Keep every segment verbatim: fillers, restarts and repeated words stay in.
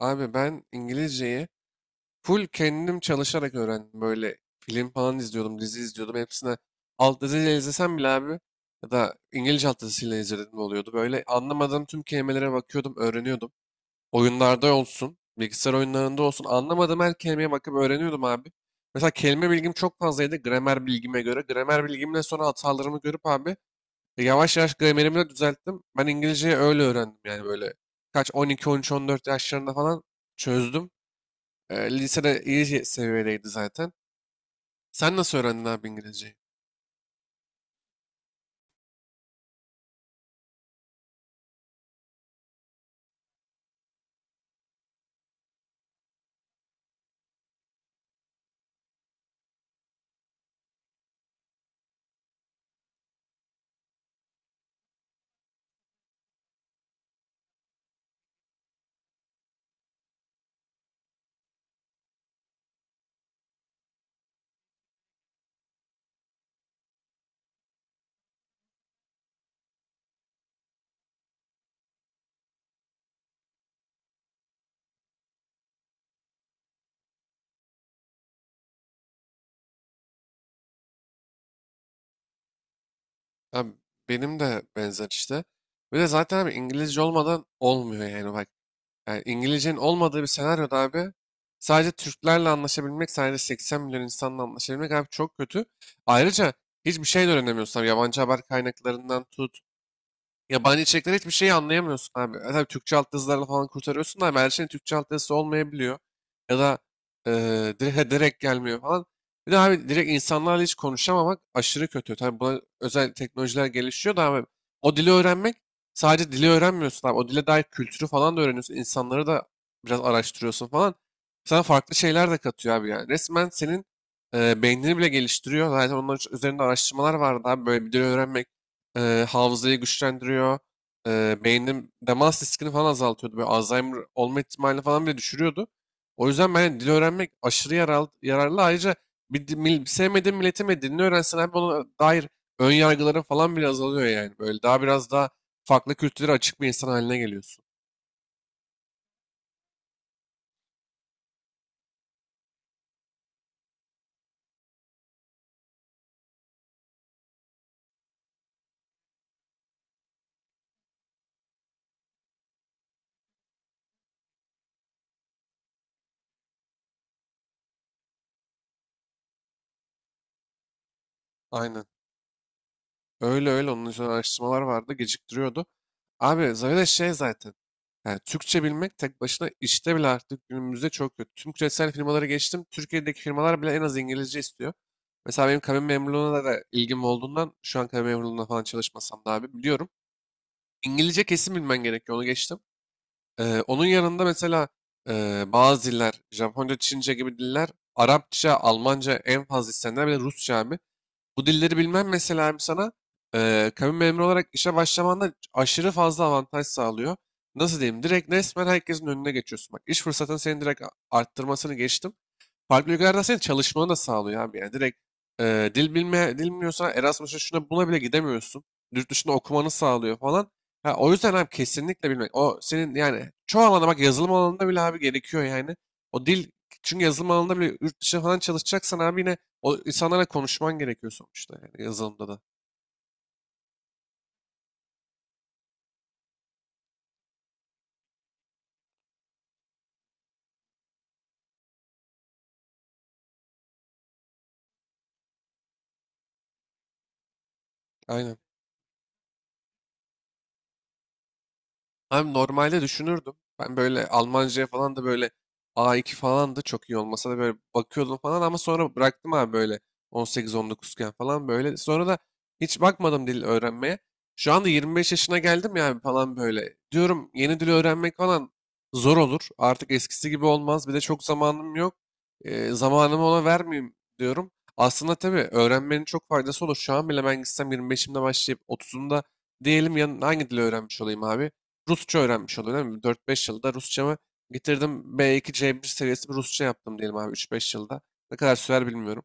Abi ben İngilizceyi full kendim çalışarak öğrendim. Böyle film falan izliyordum, dizi izliyordum. Hepsine alt diziyle izlesem bile abi ya da İngilizce alt dizisiyle izledim oluyordu. Böyle anlamadığım tüm kelimelere bakıyordum, öğreniyordum. Oyunlarda olsun, bilgisayar oyunlarında olsun anlamadığım her kelimeye bakıp öğreniyordum abi. Mesela kelime bilgim çok fazlaydı gramer bilgime göre. Gramer bilgimle sonra hatalarımı görüp abi yavaş yavaş gramerimi de düzelttim. Ben İngilizceyi öyle öğrendim yani böyle kaç on iki, on üç, on dört yaşlarında falan çözdüm. Ee, lisede iyi seviyedeydi zaten. Sen nasıl öğrendin abi İngilizceyi? Abi benim de benzer işte. Bir de zaten abi İngilizce olmadan olmuyor yani bak. Yani İngilizcenin olmadığı bir senaryoda abi sadece Türklerle anlaşabilmek, sadece 80 milyon insanla anlaşabilmek abi çok kötü. Ayrıca hiçbir şey de öğrenemiyorsun abi. Yabancı haber kaynaklarından tut, yabancı içerikler hiçbir şeyi anlayamıyorsun abi. E, Tabii Türkçe alt yazılarla falan kurtarıyorsun da abi her şeyin Türkçe alt yazısı olmayabiliyor. Ya da e, direkt, direkt gelmiyor falan. Bir de abi direkt insanlarla hiç konuşamamak aşırı kötü. Tabii buna özel teknolojiler gelişiyor da abi o dili öğrenmek sadece dili öğrenmiyorsun abi. O dile dair kültürü falan da öğreniyorsun. İnsanları da biraz araştırıyorsun falan. Sana farklı şeyler de katıyor abi yani. Resmen senin e, beynini bile geliştiriyor. Zaten onun üzerinde araştırmalar vardı abi. Böyle bir dil öğrenmek Eee, hafızayı güçlendiriyor. Eee beynin demans riskini falan azaltıyordu. Böyle Alzheimer olma ihtimalini falan bile düşürüyordu. O yüzden ben hani dil öğrenmek aşırı yaral- yararlı. Ayrıca bir, di- mil- sevmediğin milletin ve dilini öğrensen abi ona dair ön yargıların falan bile azalıyor yani. Böyle daha biraz daha farklı kültürlere açık bir insan haline geliyorsun. Aynen. Öyle öyle onun üzerine araştırmalar vardı geciktiriyordu. Abi zaten şey zaten. Yani Türkçe bilmek tek başına işte bile artık günümüzde çok kötü. Tüm küresel firmaları geçtim. Türkiye'deki firmalar bile en az İngilizce istiyor. Mesela benim kabin memurluğuna da ilgim olduğundan şu an kabin memurluğuna falan çalışmasam da abi biliyorum. İngilizce kesin bilmen gerekiyor onu geçtim. Ee, onun yanında mesela e, bazı diller Japonca, Çince gibi diller Arapça, Almanca en fazla istenenler bir de Rusça abi. Bu dilleri bilmem mesela hem sana eee kabin memuru olarak işe başlamanda aşırı fazla avantaj sağlıyor. Nasıl diyeyim? Direkt resmen herkesin önüne geçiyorsun. Bak iş fırsatını senin direkt a- arttırmasını geçtim. Farklı ülkelerde senin çalışmanı da sağlıyor abi. Yani direkt e, dil bilme, dil bilmiyorsan Erasmus'a şuna buna bile gidemiyorsun. Yurt dışında okumanı sağlıyor falan. Ha, o yüzden abi kesinlikle bilmek. O senin yani çoğu alanda bak yazılım alanında bile abi gerekiyor yani. O dil çünkü yazılım alanında bile yurt dışında falan çalışacaksan abi yine o insanlara konuşman gerekiyor sonuçta yani yazılımda da. Aynen. Abi normalde düşünürdüm. Ben böyle Almanca'ya falan da böyle A iki falan da çok iyi olmasa da böyle bakıyordum falan ama sonra bıraktım abi böyle on sekiz on dokuzken falan böyle. Sonra da hiç bakmadım dil öğrenmeye. Şu anda yirmi beş yaşına geldim yani falan böyle. Diyorum yeni dil öğrenmek falan zor olur. Artık eskisi gibi olmaz. Bir de çok zamanım yok. Ee, zamanımı ona vermeyeyim diyorum. Aslında tabii öğrenmenin çok faydası olur. Şu an bile ben gitsem yirmi beşimde başlayıp otuzumda diyelim yan hangi dili öğrenmiş olayım abi? Rusça öğrenmiş oluyor değil mi? dört beş yılda Rusçamı bitirdim. B iki C bir seviyesi bir Rusça yaptım diyelim abi üç beş yılda. Ne kadar sürer bilmiyorum.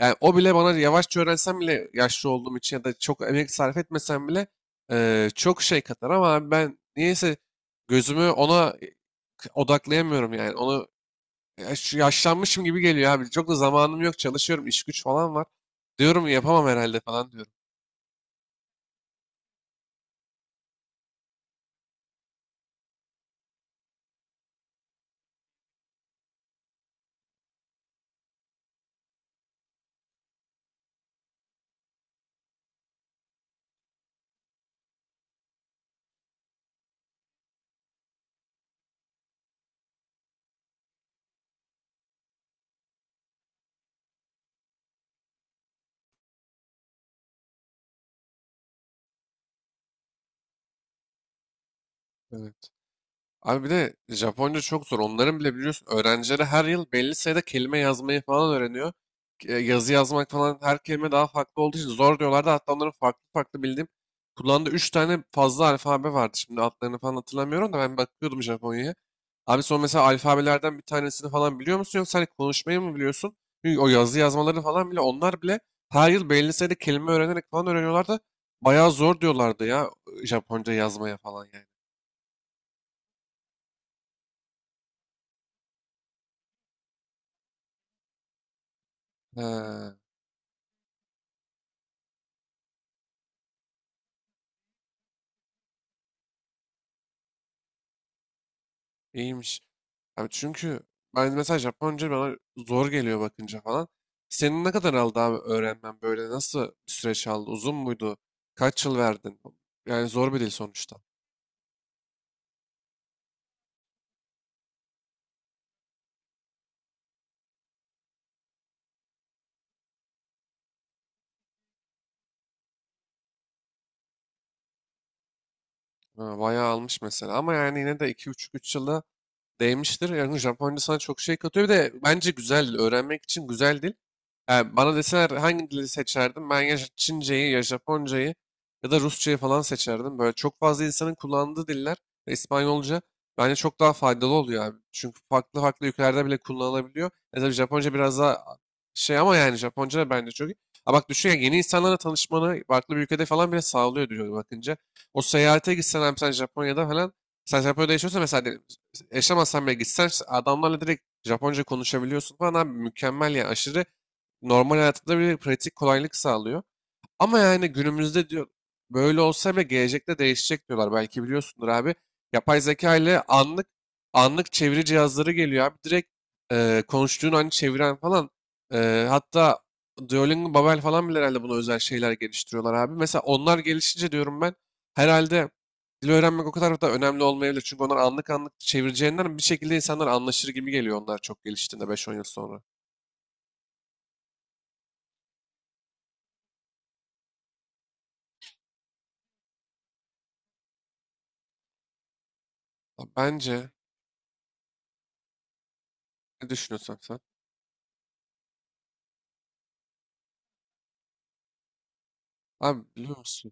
Yani o bile bana yavaşça öğrensem bile yaşlı olduğum için ya da çok emek sarf etmesem bile eee, çok şey katar ama abi ben niyeyse gözümü ona odaklayamıyorum yani. Onu yaş- yaşlanmışım gibi geliyor abi. Çok da zamanım yok çalışıyorum iş güç falan var. Diyorum yapamam herhalde falan diyorum. Evet. Abi bir de Japonca çok zor. Onların bile biliyorsun öğrencileri her yıl belli sayıda kelime yazmayı falan öğreniyor. E, Yazı yazmak falan her kelime daha farklı olduğu için zor diyorlardı. Hatta onların farklı farklı bildiğim kullandığı üç tane fazla alfabe vardı. Şimdi adlarını falan hatırlamıyorum da ben bakıyordum Japonya'ya. Abi son mesela alfabelerden bir tanesini falan biliyor musun yoksa hani konuşmayı mı biliyorsun? Çünkü o yazı yazmaları falan bile onlar bile her yıl belli sayıda kelime öğrenerek falan öğreniyorlardı. Bayağı zor diyorlardı ya Japonca yazmaya falan yani. He. İyiymiş. Abi çünkü ben mesela Japonca bana zor geliyor bakınca falan. Senin ne kadar aldı abi öğrenmen böyle? Nasıl bir süreç aldı? Uzun muydu? Kaç yıl verdin? Yani zor bir dil sonuçta. Ha, bayağı almış mesela. Ama yani yine de yirmi beş üç yılda değmiştir. Yani Japonca sana çok şey katıyor. Bir de bence güzel dil. Öğrenmek için güzel dil. Yani bana deseler hangi dili seçerdim? Ben ya Çince'yi ya Japonca'yı ya da Rusça'yı falan seçerdim. Böyle çok fazla insanın kullandığı diller ve İspanyolca bence çok daha faydalı oluyor abi. Çünkü farklı farklı ülkelerde bile kullanılabiliyor. E tabii Japonca biraz daha şey ama yani Japonca da bence çok iyi. Ha bak düşün ya yeni insanlarla tanışmanı farklı bir ülkede falan bile sağlıyor diyor bakınca. O seyahate gitsen abi sen Japonya'da falan sen Japonya'da yaşıyorsan mesela de- yaşamazsan bile gitsen adamlarla direkt Japonca konuşabiliyorsun falan abi mükemmel yani aşırı normal hayatında bir pratik kolaylık sağlıyor. Ama yani günümüzde diyor böyle olsa bile gelecekte değişecek diyorlar. Belki biliyorsundur abi. Yapay zeka ile anlık anlık çeviri cihazları geliyor abi. Direkt e, konuştuğun an çeviren falan. E, hatta Duolingo, Babel falan bile herhalde buna özel şeyler geliştiriyorlar abi. Mesela onlar gelişince diyorum ben herhalde dil öğrenmek o kadar da önemli olmayabilir. Çünkü onlar anlık anlık çevireceğinden bir şekilde insanlar anlaşır gibi geliyor onlar çok geliştiğinde beş on yıl sonra. Bence. Ne düşünüyorsun sen? Abi biliyor musun?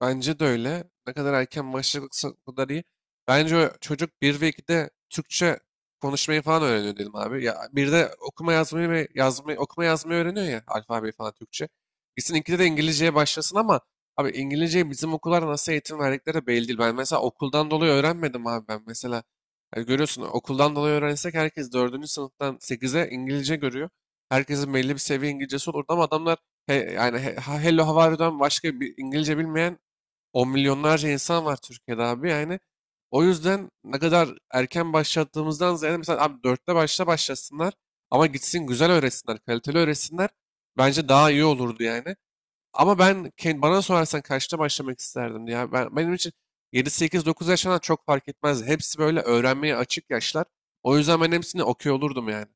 Bence de öyle. Ne kadar erken başlarsa o kadar iyi. Bence o çocuk bir ve ikide Türkçe konuşmayı falan öğreniyor dedim abi. Ya bir de okuma yazmayı ve yazmayı okuma yazmayı öğreniyor ya alfabeyi falan Türkçe. Gitsin ikide de İngilizceye başlasın ama abi İngilizceyi bizim okullar nasıl eğitim verdikleri belli değil. Ben mesela okuldan dolayı öğrenmedim abi ben mesela. Yani görüyorsun okuldan dolayı öğrensek herkes dördüncü sınıftan sekize İngilizce görüyor. Herkesin belli bir seviye İngilizcesi olurdu ama adamlar he, yani he- ha- Hello how are you'dan başka bir İngilizce bilmeyen on milyonlarca insan var Türkiye'de abi yani. O yüzden ne kadar erken başlattığımızdan ziyade mesela abi dörtte başla başlasınlar ama gitsin güzel öğretsinler, kaliteli öğretsinler. Bence daha iyi olurdu yani. Ama ben kend- bana sorarsan kaçta başlamak isterdim ya. Ben, benim için yedi sekiz-dokuz yaşından çok fark etmez. Hepsi böyle öğrenmeye açık yaşlar. O yüzden ben hepsini okuyor olurdum yani.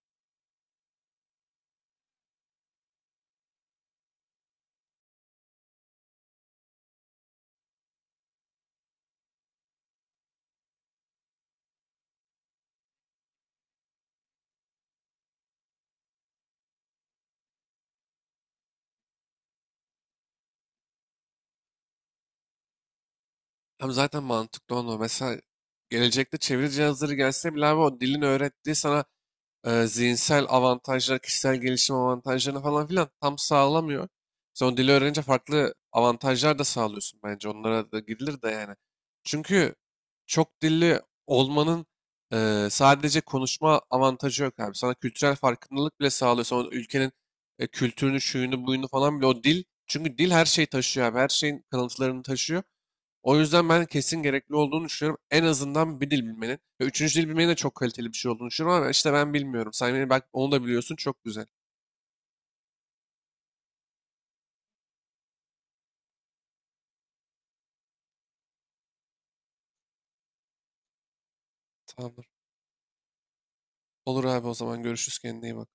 Hem zaten mantıklı onu. Mesela gelecekte çeviri cihazları gelse bile abi o dilin öğrettiği sana e, zihinsel avantajlar, kişisel gelişim avantajlarını falan filan tam sağlamıyor. Sen o dili öğrenince farklı avantajlar da sağlıyorsun bence. Onlara da gidilir de yani. Çünkü çok dilli olmanın e, sadece konuşma avantajı yok abi. Sana kültürel farkındalık bile sağlıyor. Sonra ülkenin e, kültürünü, şuyunu, buyunu falan bile o dil. Çünkü dil her şeyi taşıyor abi. Her şeyin kalıntılarını taşıyor. O yüzden ben kesin gerekli olduğunu düşünüyorum. En azından bir dil bilmenin. Ve üçüncü dil bilmenin de çok kaliteli bir şey olduğunu düşünüyorum ama işte ben bilmiyorum. Sen beni bak onu da biliyorsun çok güzel. Tamamdır. Olur abi o zaman görüşürüz kendine iyi bak.